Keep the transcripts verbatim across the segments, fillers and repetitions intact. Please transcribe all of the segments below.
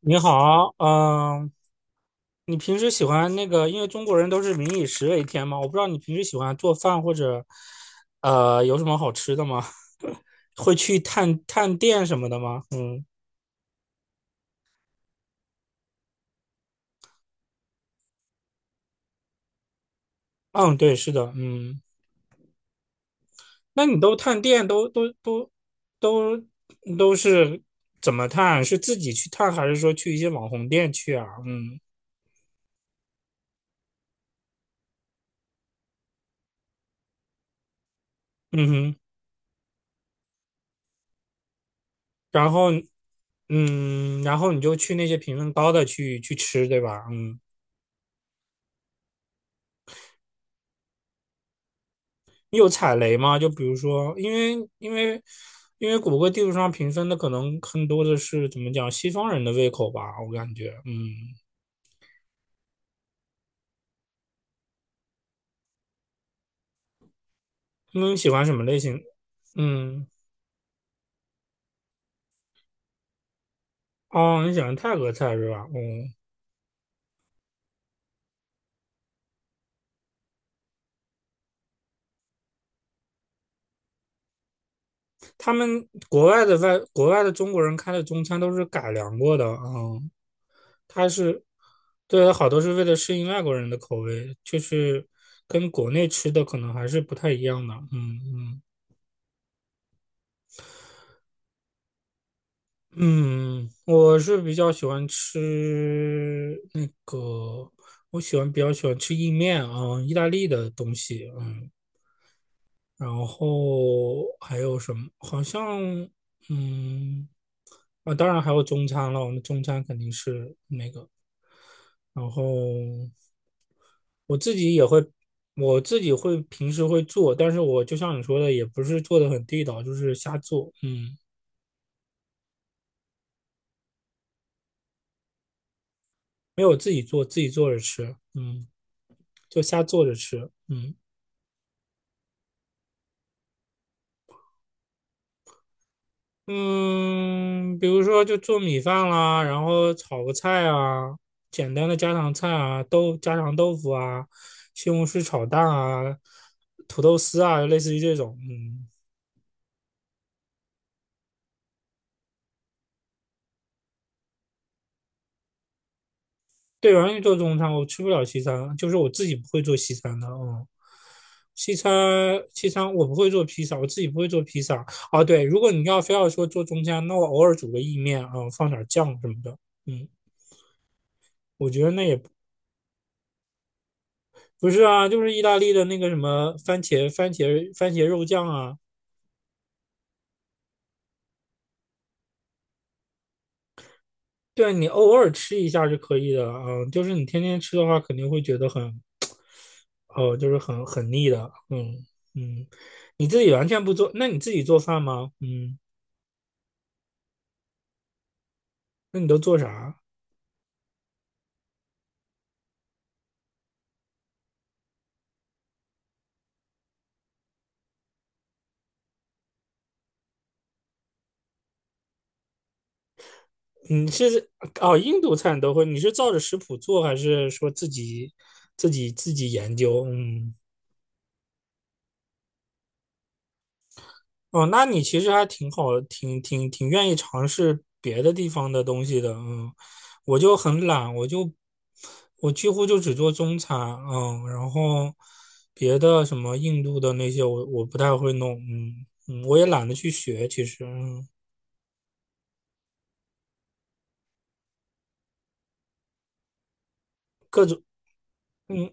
你好，嗯，你平时喜欢那个，因为中国人都是民以食为天嘛，我不知道你平时喜欢做饭或者，呃，有什么好吃的吗？会去探探店什么的吗？嗯嗯，对，是的，嗯，那你都探店都都都都都是怎么探？是自己去探，还是说去一些网红店去啊？嗯嗯哼。然后嗯，然后你就去那些评分高的去去吃，对吧？嗯。你有踩雷吗？就比如说，因为因为因为谷歌地图上评分的可能更多的是怎么讲西方人的胃口吧，我感觉，嗯。他们喜欢什么类型？嗯，哦，你喜欢泰国菜是吧？嗯。他们国外的外国外的中国人开的中餐都是改良过的，嗯。它是对，好多是为了适应外国人的口味，就是跟国内吃的可能还是不太一样的，嗯嗯。嗯，我是比较喜欢吃那个，我喜欢比较喜欢吃意面啊，意大利的东西，嗯，然后还有什么？好像，嗯，啊，当然还有中餐了，我们中餐肯定是那个，然后我自己也会，我自己会平时会做，但是我就像你说的，也不是做的很地道，就是瞎做，嗯。没有自己做，自己做着吃，嗯。就瞎做着吃。嗯嗯，比如说就做米饭啦，然后炒个菜啊，简单的家常菜啊，豆家常豆腐啊，西红柿炒蛋啊，土豆丝啊，类似于这种。嗯。对，我完全做中餐，我吃不了西餐，就是我自己不会做西餐的。嗯。西餐，西餐我不会做披萨，我自己不会做披萨。哦，对，如果你要非要说做中餐，那我偶尔煮个意面啊、呃放点酱什么的，嗯，我觉得那也不。不是啊，就是意大利的那个什么番茄番茄番茄肉酱啊。对啊，你偶尔吃一下是可以的，嗯，就是你天天吃的话，肯定会觉得很，哦，就是很很腻的，嗯。嗯，你自己完全不做，那你自己做饭吗？嗯，那你都做啥？你是哦，印度菜你都会，你是照着食谱做，还是说自己自己自己研究？嗯哦，那你其实还挺好，挺挺挺愿意尝试别的地方的东西的，嗯。我就很懒，我就我几乎就只做中餐，嗯，然后别的什么印度的那些我我不太会弄，嗯嗯，我也懒得去学，其实，嗯。各种，嗯。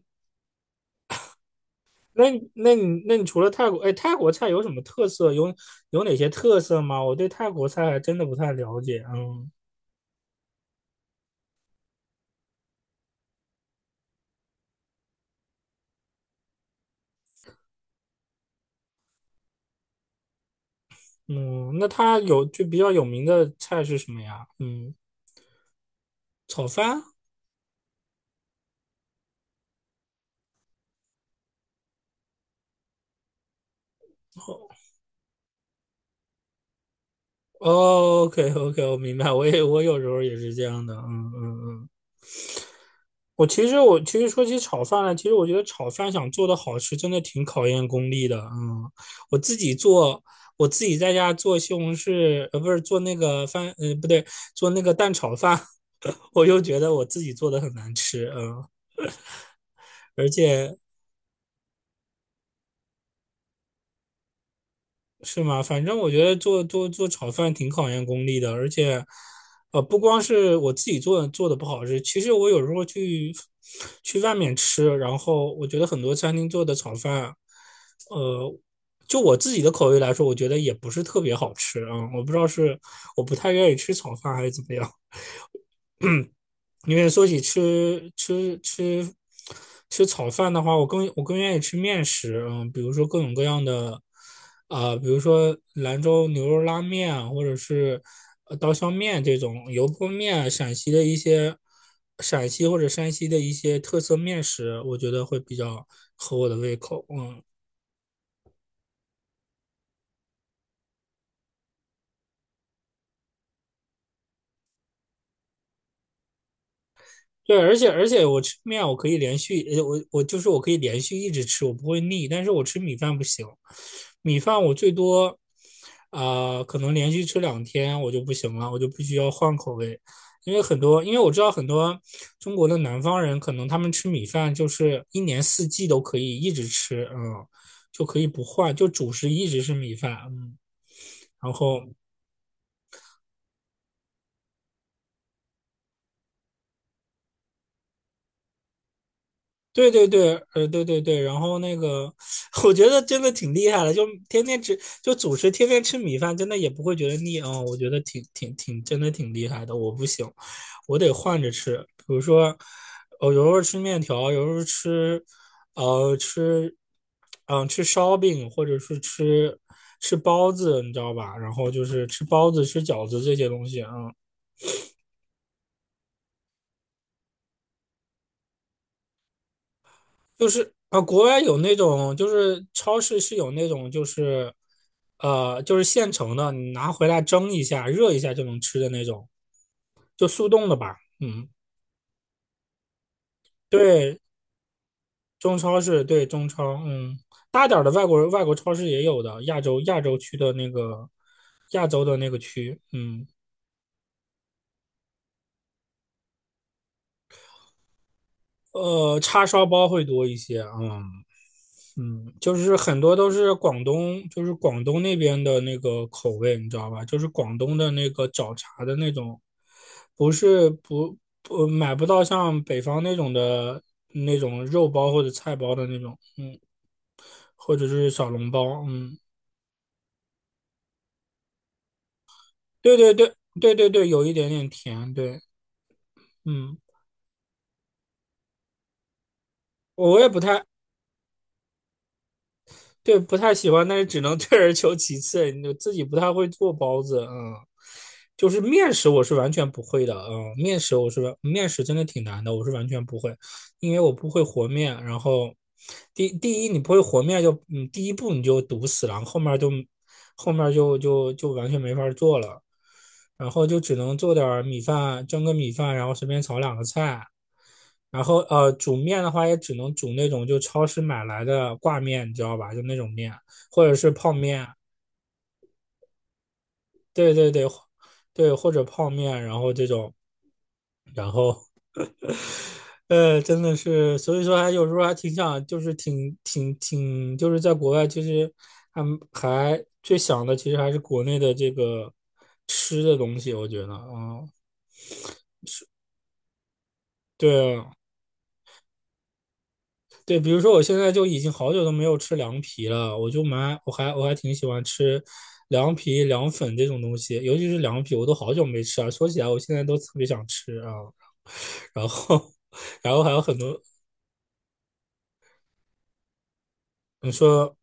那你那你那你除了泰国，哎，泰国菜有什么特色？有有哪些特色吗？我对泰国菜还真的不太了解，嗯嗯。那它有就比较有名的菜是什么呀？嗯。炒饭？哦 o k O K,我明白，我也我有时候也是这样的，嗯嗯嗯。我其实我其实说起炒饭来，其实我觉得炒饭想做的好吃，真的挺考验功力的，嗯。我自己做，我自己在家做西红柿，呃，不是做那个饭，呃，不对，做那个蛋炒饭，我就觉得我自己做的很难吃，嗯。而且是吗？反正我觉得做做做炒饭挺考验功力的，而且，呃，不光是我自己做做的不好吃，其实我有时候去去外面吃，然后我觉得很多餐厅做的炒饭，呃，就我自己的口味来说，我觉得也不是特别好吃啊。我不知道是我不太愿意吃炒饭还是怎么样。因为说起吃吃吃吃炒饭的话，我更我更愿意吃面食，嗯，比如说各种各样的，啊、比如说兰州牛肉拉面啊，或者是呃刀削面、这种油泼面，陕西的一些陕西或者山西的一些特色面食，我觉得会比较合我的胃口，嗯。对，而且而且我吃面我可以连续，呃我我就是我可以连续一直吃，我不会腻。但是我吃米饭不行，米饭我最多，呃，可能连续吃两天我就不行了，我就必须要换口味。因为很多，因为我知道很多中国的南方人，可能他们吃米饭就是一年四季都可以一直吃，嗯，就可以不换，就主食一直是米饭，嗯。然后对对对，呃，对对对，然后那个，我觉得真的挺厉害的，就天天吃，就主食天天吃米饭，真的也不会觉得腻啊、我觉得挺挺挺，真的挺厉害的。我不行，我得换着吃，比如说，我有时候吃面条，有时候吃，呃，吃，嗯、吃烧饼，或者是吃吃包子，你知道吧？然后就是吃包子、吃饺子这些东西啊、嗯。就是啊，国外有那种，就是超市是有那种，就是呃，就是现成的，你拿回来蒸一下、热一下就能吃的那种，就速冻的吧。嗯，对，中超市，对中超，嗯，大点儿的外国外国超市也有的，亚洲亚洲区的那个亚洲的那个区，嗯。呃，叉烧包会多一些，嗯。嗯，就是很多都是广东，就是广东那边的那个口味，你知道吧？就是广东的那个找茬的那种，不是不不买不到像北方那种的那种肉包或者菜包的那种，嗯，或者是小笼包，嗯。对对对对对对，有一点点甜，对，嗯。我也不太。对，不太喜欢，但是只能 退而求其次。你自己不太会做包子，嗯，就是面食我是完全不会的，嗯，面食我是完面食真的挺难的，我是完全不会，因为我不会和面。然后第第一你不会和面就，嗯，第一步你就堵死了，后面就后面就就就完全没法做了，然后就只能做点儿米饭，蒸个米饭，然后随便炒两个菜。然后呃，煮面的话也只能煮那种就超市买来的挂面，你知道吧？就那种面，或者是泡面，对对对，对，或者泡面，然后这种，然后呃，真的是，所以说还有时候还挺想，就是挺挺挺，就是在国外，其实还还最想的，其实还是国内的这个吃的东西，我觉得啊。对啊。对，比如说我现在就已经好久都没有吃凉皮了，我就蛮我还我还挺喜欢吃凉皮、凉粉这种东西，尤其是凉皮，我都好久没吃啊。说起来，我现在都特别想吃啊。然后，然后还有很多。你说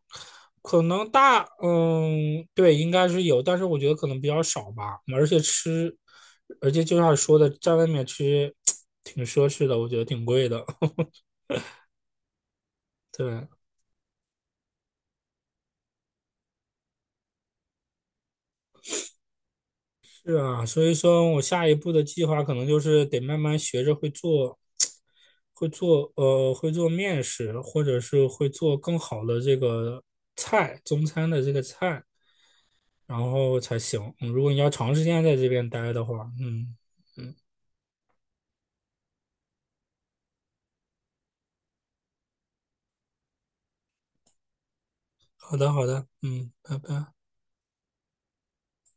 可能大，嗯，对，应该是有，但是我觉得可能比较少吧。而且吃，而且就像说的，在外面吃 挺奢侈的，我觉得挺贵的。对，是啊，所以说我下一步的计划可能就是得慢慢学着会做，会做呃会做面食，或者是会做更好的这个菜，中餐的这个菜，然后才行。嗯如果你要长时间在这边待的话，嗯。嗯，好的好的，嗯，拜拜。